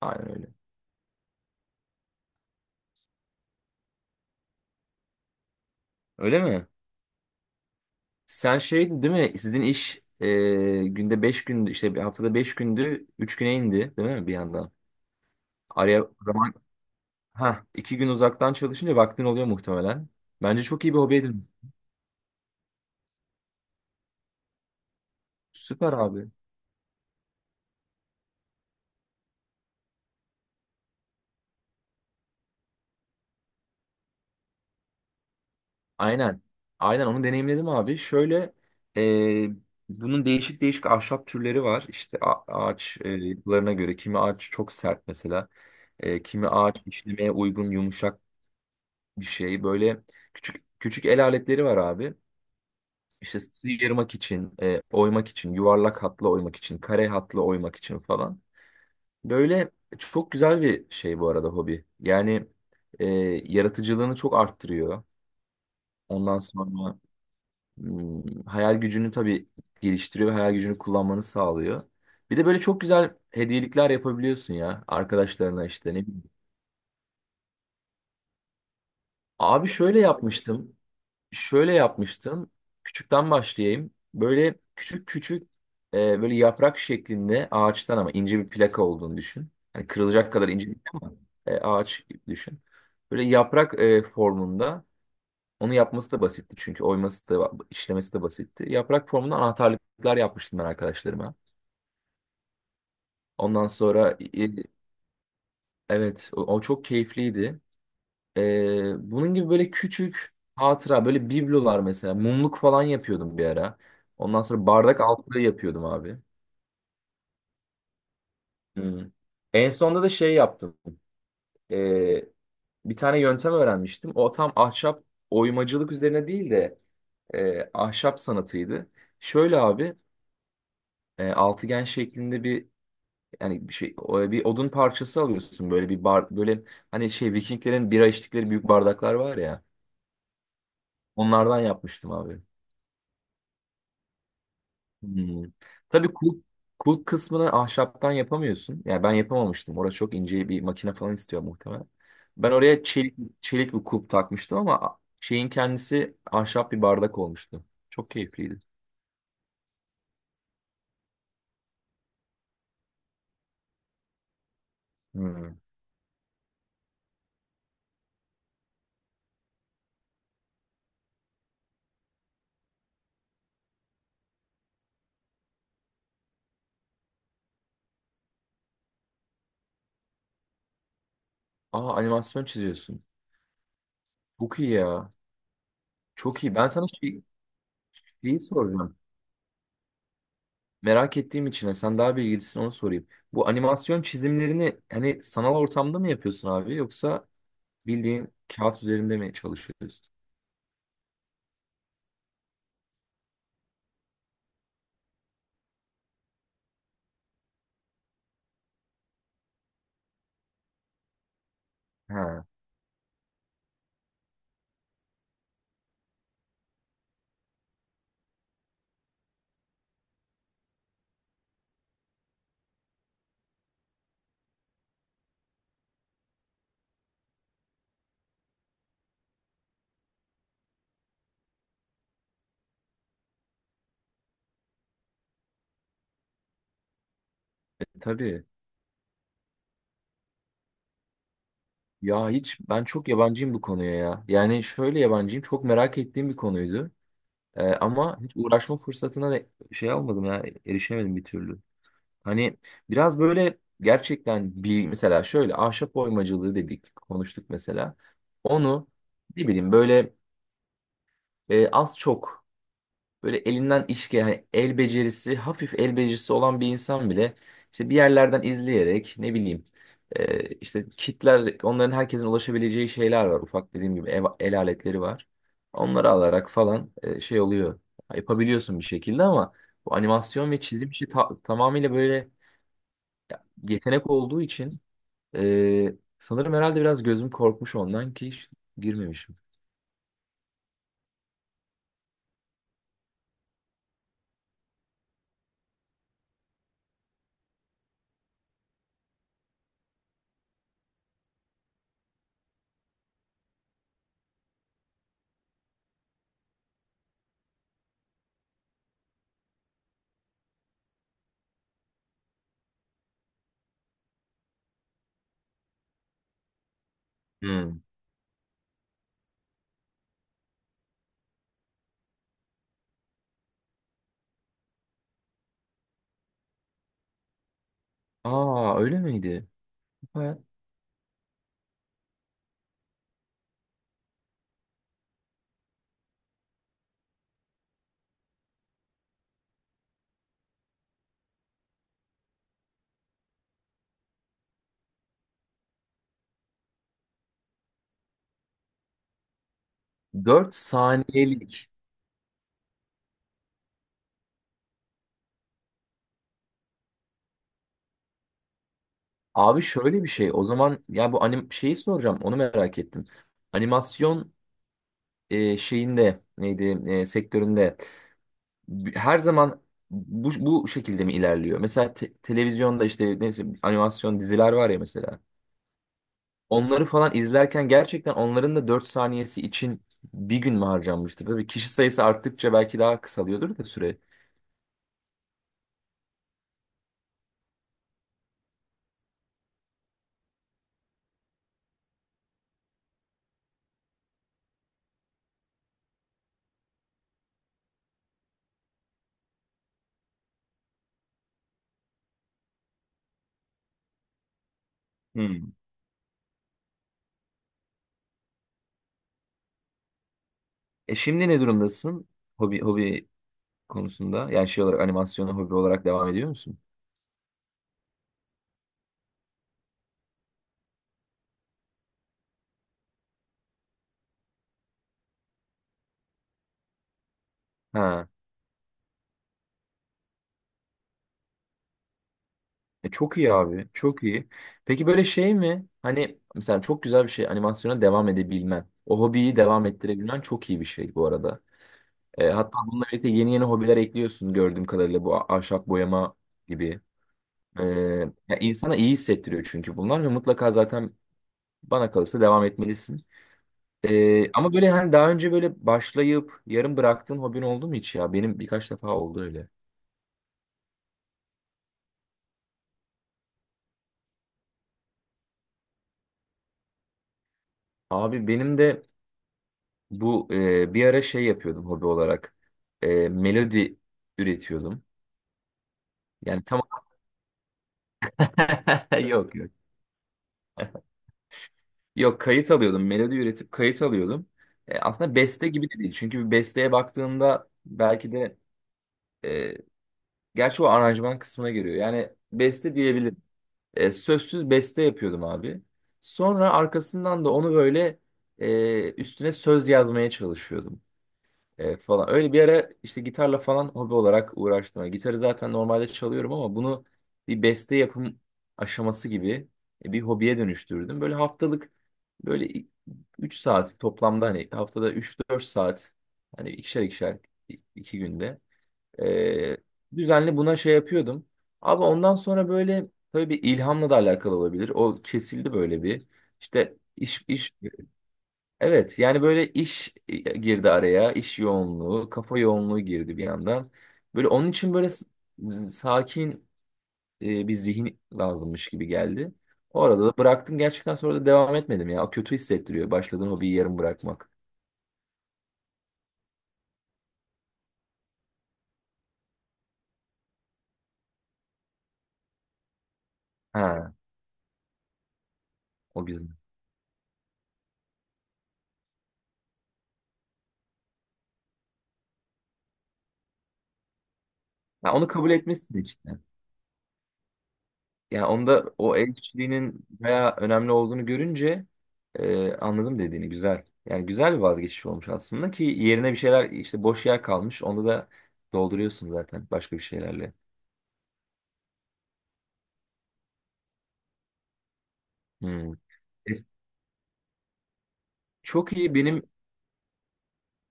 Aynen öyle. Öyle mi? Sen şeydi değil mi? Sizin iş günde 5 gündü işte bir haftada 5 gündü 3 güne indi değil mi bir yandan? Araya o zaman ha 2 gün uzaktan çalışınca vaktin oluyor muhtemelen. Bence çok iyi bir hobi edinmiş. Süper abi. Aynen. Aynen onu deneyimledim abi. Şöyle e, bunun değişik değişik ahşap türleri var. İşte ağaç yapılarına göre kimi ağaç çok sert mesela. Kimi ağaç işlemeye uygun yumuşak bir şey. Böyle küçük küçük el aletleri var abi. İşte sıyırmak için, oymak için, yuvarlak hatla oymak için, kare hatla oymak için falan. Böyle çok güzel bir şey bu arada hobi. Yani e, yaratıcılığını çok arttırıyor. Ondan sonra hayal gücünü tabii geliştiriyor ve hayal gücünü kullanmanı sağlıyor. Bir de böyle çok güzel hediyelikler yapabiliyorsun ya arkadaşlarına işte ne bileyim. Abi şöyle yapmıştım. Şöyle yapmıştım. Küçükten başlayayım. Böyle küçük küçük böyle yaprak şeklinde ağaçtan ama ince bir plaka olduğunu düşün. Yani kırılacak evet kadar ince değil ama ağaç gibi düşün. Böyle yaprak formunda onu yapması da basitti çünkü oyması da işlemesi de basitti. Yaprak formunda anahtarlıklar yapmıştım ben arkadaşlarıma. Ondan sonra evet o çok keyifliydi. Bunun gibi böyle küçük hatıra böyle biblolar mesela mumluk falan yapıyordum bir ara. Ondan sonra bardak altlığı yapıyordum abi. Hmm. En sonunda da şey yaptım. Ee, Bir tane yöntem öğrenmiştim. O tam ahşap oymacılık üzerine değil de ahşap sanatıydı. Şöyle abi altıgen şeklinde bir yani bir şey bir odun parçası alıyorsun böyle bir bar böyle hani şey Vikinglerin bira içtikleri büyük bardaklar var ya onlardan yapmıştım abi. Hmm. Tabii kulp, kulp kısmını ahşaptan yapamıyorsun. Yani ben yapamamıştım. Orada çok ince bir makine falan istiyor muhtemelen. Ben oraya çelik, çelik bir kulp takmıştım ama şeyin kendisi ahşap bir bardak olmuştu. Çok keyifliydi. Hmm. Aa animasyon çiziyorsun. Çok iyi ya. Çok iyi. Ben sana şey, şeyi soracağım. Merak ettiğim için sen daha bilgilisin onu sorayım. Bu animasyon çizimlerini hani sanal ortamda mı yapıyorsun abi yoksa bildiğin kağıt üzerinde mi çalışıyorsun? Ha, tabii. Ya hiç ben çok yabancıyım bu konuya ya. Yani şöyle yabancıyım çok merak ettiğim bir konuydu. Ama hiç uğraşma fırsatına da şey almadım ya erişemedim bir türlü. Hani biraz böyle gerçekten bir mesela şöyle ahşap oymacılığı dedik konuştuk mesela. Onu ne bileyim böyle az çok böyle elinden iş gelen yani el becerisi, hafif el becerisi olan bir insan bile işte bir yerlerden izleyerek ne bileyim işte kitler onların herkesin ulaşabileceği şeyler var. Ufak dediğim gibi ev, el aletleri var. Onları alarak falan şey oluyor. Yapabiliyorsun bir şekilde ama bu animasyon ve çizim işi tamamıyla böyle yetenek olduğu için sanırım herhalde biraz gözüm korkmuş ondan ki hiç girmemişim. Hmm. Aa öyle miydi? 4 saniyelik. Abi şöyle bir şey. O zaman ya bu anim şeyi soracağım. Onu merak ettim. Animasyon şeyinde neydi sektöründe her zaman bu şekilde mi ilerliyor? Mesela televizyonda işte neyse animasyon diziler var ya mesela. Onları falan izlerken gerçekten onların da 4 saniyesi için bir gün mü harcanmıştır? Tabii kişi sayısı arttıkça belki daha kısalıyordur da süre. Hmm. E şimdi ne durumdasın? Hobi hobi konusunda yani şey olarak animasyonu hobi olarak devam ediyor musun? Ha. Çok iyi abi, çok iyi. Peki böyle şey mi? Hani mesela çok güzel bir şey animasyona devam edebilmen, o hobiyi devam ettirebilmen çok iyi bir şey bu arada. Hatta bununla birlikte yeni yeni hobiler ekliyorsun gördüğüm kadarıyla bu ahşap boyama gibi. E, Ya insana iyi hissettiriyor çünkü bunlar ve mutlaka zaten bana kalırsa devam etmelisin. Ama böyle hani daha önce böyle başlayıp yarım bıraktığın hobin oldu mu hiç ya? Benim birkaç defa oldu öyle. Abi benim de bu bir ara şey yapıyordum hobi olarak. Melodi üretiyordum. Yani tamam. Yok yok. Yok kayıt alıyordum. Melodi üretip kayıt alıyordum. Aslında beste gibi de değil. Çünkü bir besteye baktığında belki de e, gerçi o aranjman kısmına giriyor. Yani beste diyebilirim. Sözsüz beste yapıyordum abi. Sonra arkasından da onu böyle üstüne söz yazmaya çalışıyordum. Evet falan. Öyle bir ara işte gitarla falan hobi olarak uğraştım. Yani gitarı zaten normalde çalıyorum ama bunu bir beste yapım aşaması gibi bir hobiye dönüştürdüm. Böyle haftalık böyle 3 saat toplamda hani haftada 3 4 saat hani ikişer ikişer 2 günde ee, düzenli buna şey yapıyordum. Ama ondan sonra böyle tabii bir ilhamla da alakalı olabilir. O kesildi böyle bir. İşte iş evet yani böyle iş girdi araya, iş yoğunluğu, kafa yoğunluğu girdi bir yandan. Böyle onun için böyle sakin bir zihin lazımmış gibi geldi. O arada da bıraktım gerçekten sonra da devam etmedim ya. O kötü hissettiriyor başladığın hobiyi yarım bırakmak. Ha o güzel. Ha, onu kabul etmişsin işte. Yani onda o el kişiliğinin bayağı önemli olduğunu görünce anladım dediğini güzel. Yani güzel bir vazgeçiş olmuş aslında ki yerine bir şeyler işte boş yer kalmış. Onda da dolduruyorsun zaten başka bir şeylerle. Hmm. E, Çok iyi benim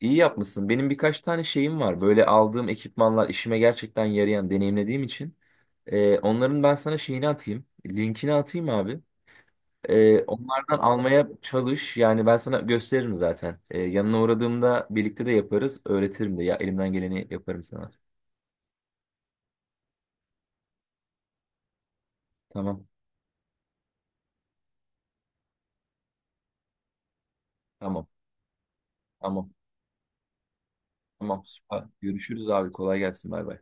iyi yapmışsın. Benim birkaç tane şeyim var. Böyle aldığım ekipmanlar işime gerçekten yarayan deneyimlediğim için. Onların ben sana şeyini atayım. Linkini atayım abi. Onlardan almaya çalış. Yani ben sana gösteririm zaten. Yanına uğradığımda birlikte de yaparız. Öğretirim de. Ya elimden geleni yaparım sana. Tamam. Tamam. Tamam. Tamam. Süper. Görüşürüz abi. Kolay gelsin. Bay bay.